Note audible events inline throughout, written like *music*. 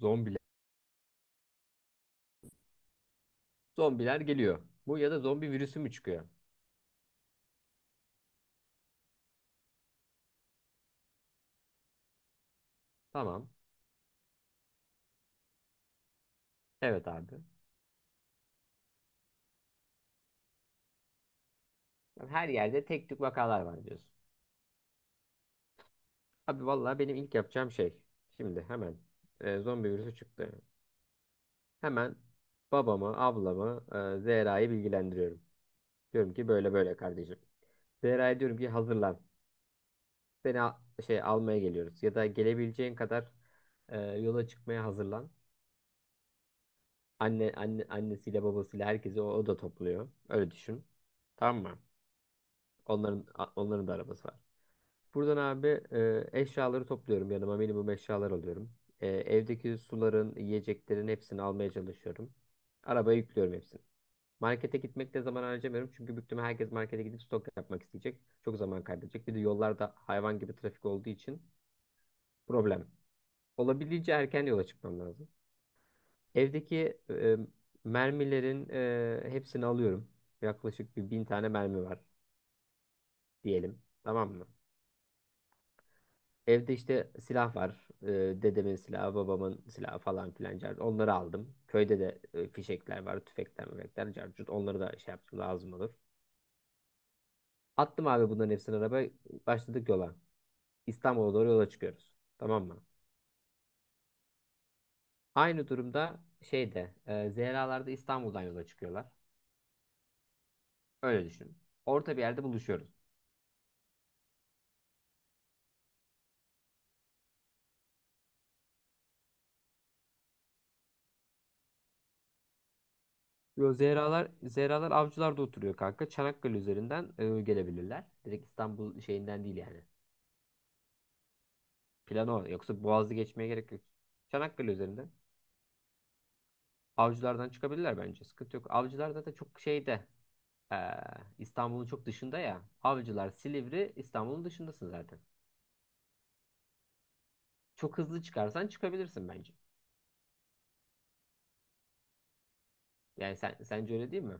Zombiler. Zombiler geliyor. Bu ya da zombi virüsü mü çıkıyor? Tamam. Evet abi. Her yerde tek tük vakalar var diyorsun. Abi vallahi benim ilk yapacağım şey. Şimdi hemen zombi virüsü çıktı. Hemen babamı, ablamı, Zehra'yı bilgilendiriyorum. Diyorum ki böyle böyle kardeşim. Zehra'ya diyorum ki hazırlan. Seni al- şey almaya geliyoruz. Ya da gelebileceğin kadar yola çıkmaya hazırlan. Annesiyle babasıyla herkesi o da topluyor. Öyle düşün. Tamam mı? Onların onların da arabası var. Buradan abi eşyaları topluyorum yanıma. Minimum eşyalar alıyorum. Evdeki suların, yiyeceklerin hepsini almaya çalışıyorum. Arabaya yüklüyorum hepsini. Markete gitmekte zaman harcamıyorum, çünkü büyük ihtimal herkes markete gidip stok yapmak isteyecek. Çok zaman kaybedecek. Bir de yollarda hayvan gibi trafik olduğu için problem. Olabildiğince erken yola çıkmam lazım. Evdeki mermilerin hepsini alıyorum. Yaklaşık bir 1.000 tane mermi var diyelim. Tamam mı? Evde işte silah var. Dedemin silahı, babamın silahı falan filan. Onları aldım. Köyde de fişekler var, tüfekler, müfekler, carcut. Onları da şey yaptım, lazım olur. Attım abi bunların hepsini arabaya. Başladık yola. İstanbul'a doğru yola çıkıyoruz. Tamam mı? Aynı durumda şeyde Zehralar da İstanbul'dan yola çıkıyorlar. Öyle düşün. Orta bir yerde buluşuyoruz. Yo, Zehralar Avcılar'da oturuyor kanka. Çanakkale üzerinden gelebilirler. Direkt İstanbul şeyinden değil yani. Plan o. Yoksa Boğaz'ı geçmeye gerek yok. Çanakkale üzerinden. Avcılardan çıkabilirler bence. Sıkıntı yok. Avcılar zaten çok şeyde. eee, İstanbul'un çok dışında ya. Avcılar, Silivri, İstanbul'un dışındasın zaten. Çok hızlı çıkarsan çıkabilirsin bence. Yani sen sence öyle değil mi?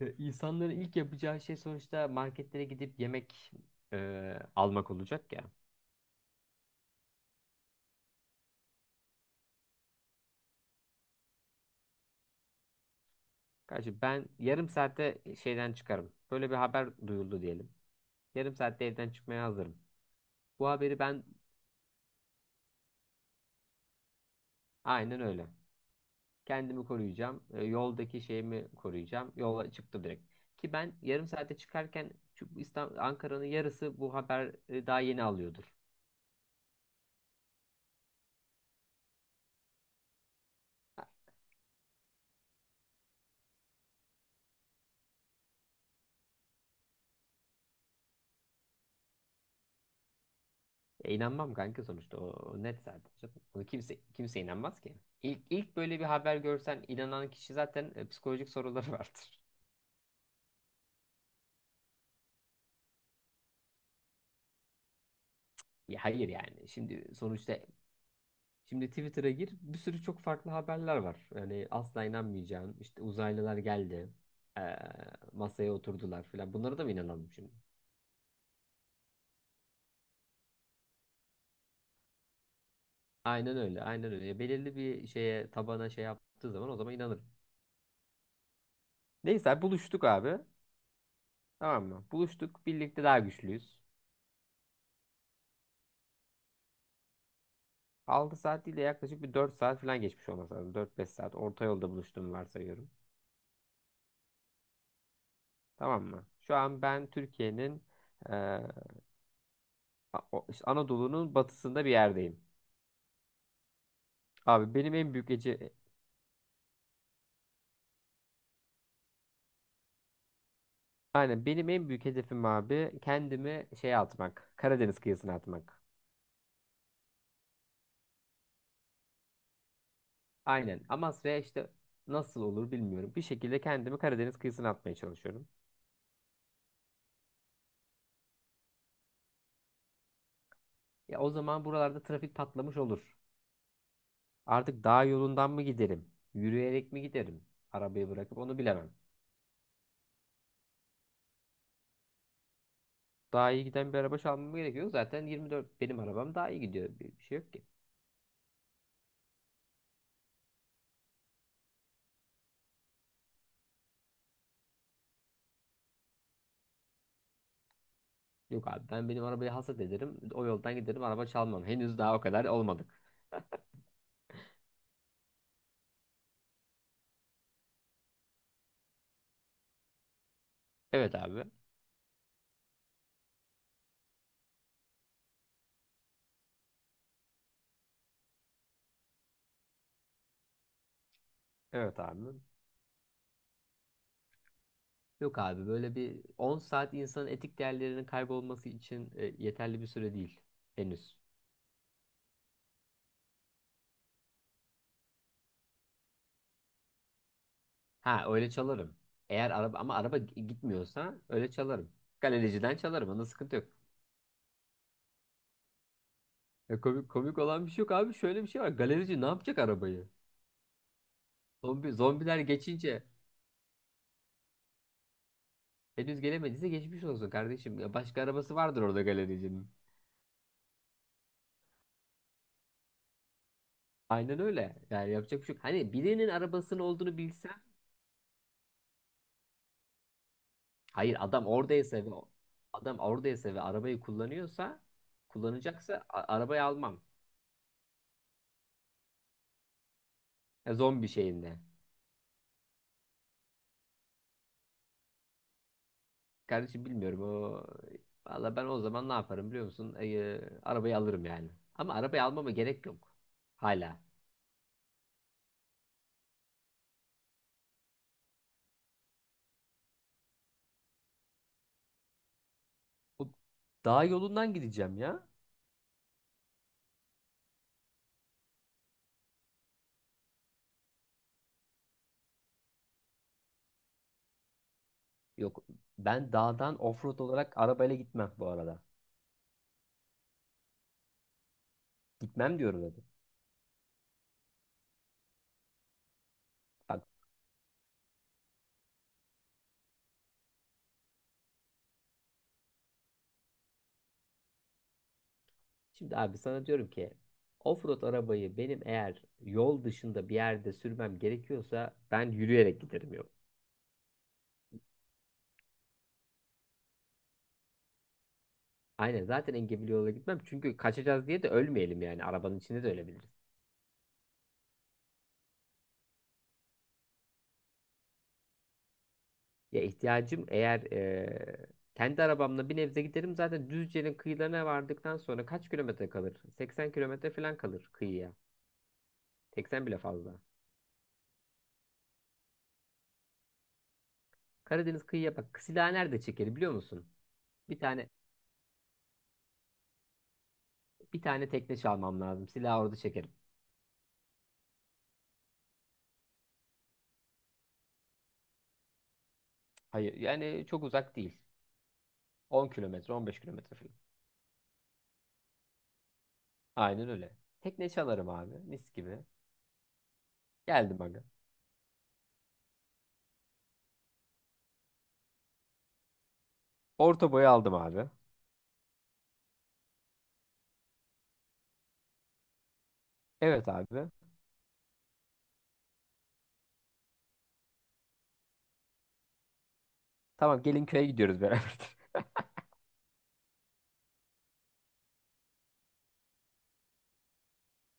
İnsanların ilk yapacağı şey sonuçta marketlere gidip yemek almak olacak ya. Kardeşim ben yarım saatte şeyden çıkarım. Böyle bir haber duyuldu diyelim. Yarım saatte evden çıkmaya hazırım. Bu haberi ben, aynen öyle. Kendimi koruyacağım. Yoldaki şeyimi koruyacağım. Yola çıktım direkt. Ki ben yarım saate çıkarken şu İstanbul, Ankara'nın yarısı bu haber daha yeni alıyordur. İnanmam kanka, sonuçta o net zaten, canım. Ona kimse inanmaz ki. İlk böyle bir haber görsen, inanan kişi zaten psikolojik soruları *laughs* vardır. Ya hayır yani. Şimdi sonuçta şimdi Twitter'a gir, bir sürü çok farklı haberler var. Yani asla inanmayacağın, işte uzaylılar geldi, e, masaya oturdular falan. Bunlara da mı inanalım şimdi? Aynen öyle. Aynen öyle. Belirli bir şeye tabana şey yaptığı zaman, o zaman inanırım. Neyse abi, buluştuk abi. Tamam mı? Buluştuk. Birlikte daha güçlüyüz. 6 saat değil de yaklaşık bir 4 saat falan geçmiş olması lazım. 4-5 saat. Orta yolda buluştuğumu varsayıyorum. Tamam mı? Şu an ben Türkiye'nin e, A- işte Anadolu'nun batısında bir yerdeyim. Abi benim en büyük ece- Aynen, benim en büyük hedefim abi kendimi şeye atmak. Karadeniz kıyısına atmak. Aynen. Amasra'ya işte, nasıl olur bilmiyorum. Bir şekilde kendimi Karadeniz kıyısına atmaya çalışıyorum. Ya o zaman buralarda trafik patlamış olur. Artık dağ yolundan mı giderim? Yürüyerek mi giderim? Arabayı bırakıp onu bilemem. Daha iyi giden bir araba çalmam gerekiyor. Zaten 24 benim arabam daha iyi gidiyor. Bir şey yok ki. Yok abi, ben benim arabayı hasat ederim. O yoldan giderim, araba çalmam. Henüz daha o kadar olmadık. Evet abi. Evet abi. Yok abi, böyle bir 10 saat insanın etik değerlerinin kaybolması için yeterli bir süre değil. Henüz. Ha, öyle çalarım. Eğer araba, ama araba gitmiyorsa öyle çalarım. Galericiden çalarım. Onda sıkıntı yok. Ya komik olan bir şey yok abi. Şöyle bir şey var. Galerici ne yapacak arabayı? Zombiler geçince, henüz gelemediyse geçmiş olsun kardeşim. Ya başka arabası vardır orada galericinin. Aynen öyle. Yani yapacak bir şey yok. Hani birinin arabasının olduğunu bilsen. Hayır, adam oradaysa ve arabayı kullanıyorsa, kullanacaksa arabayı almam. Ya zombi şeyinde. Kardeşim, bilmiyorum o, valla ben o zaman ne yaparım biliyor musun? Arabayı alırım yani. Ama arabayı almama gerek yok. Hala. Bu dağ yolundan gideceğim ya. Yok. Ben dağdan offroad olarak arabayla gitmem bu arada. Gitmem diyorum, dedim. Bak. Şimdi abi sana diyorum ki, offroad arabayı benim eğer yol dışında bir yerde sürmem gerekiyorsa, ben yürüyerek giderim, yok. Aynen, zaten engebeli yola gitmem, çünkü kaçacağız diye de ölmeyelim, yani arabanın içinde de ölebiliriz. Ya ihtiyacım eğer kendi arabamla bir nebze giderim, zaten Düzce'nin kıyılarına vardıktan sonra kaç kilometre kalır? 80 kilometre falan kalır kıyıya. 80 bile fazla. Karadeniz kıyıya bak. Silah nerede çekerim biliyor musun? Bir tane bir tane tekne çalmam lazım. Silahı orada çekerim. Hayır yani, çok uzak değil. 10 kilometre, 15 kilometre falan. Aynen öyle. Tekne çalarım abi, mis gibi. Geldim aga. Orta boyu aldım abi. Evet abi. Tamam, gelin köye gidiyoruz beraber. *laughs*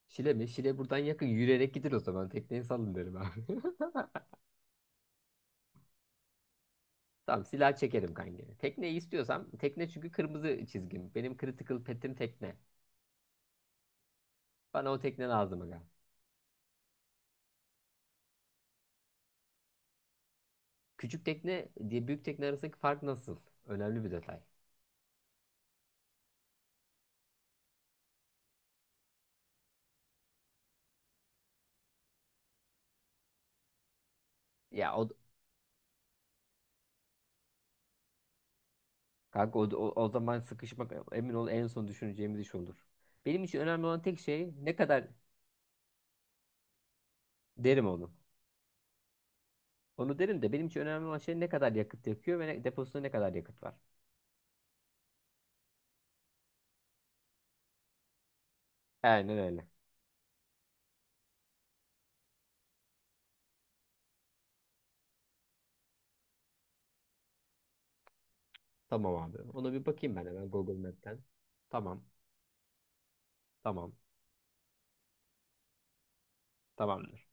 Şile mi? Şile buradan yakın. Yürüyerek gider o zaman. Tekneyi salın derim abi. *laughs* Tamam, silah çekerim kanka. Tekneyi istiyorsam tekne, çünkü kırmızı çizgim. Benim critical pet'im tekne. Bana o tekne lazım aga. Küçük tekne diye büyük tekne arasındaki fark nasıl? Önemli bir detay. Ya o kanka o zaman sıkışmak, emin ol, en son düşüneceğimiz iş olur. Benim için önemli olan tek şey ne kadar, derim onu. Onu derim de, benim için önemli olan şey ne kadar yakıt yakıyor ve ne, deposunda ne kadar yakıt var. Aynen öyle. Tamam abi. Ona bir bakayım ben hemen Google Map'ten. Tamam. Tamam. Tamamdır.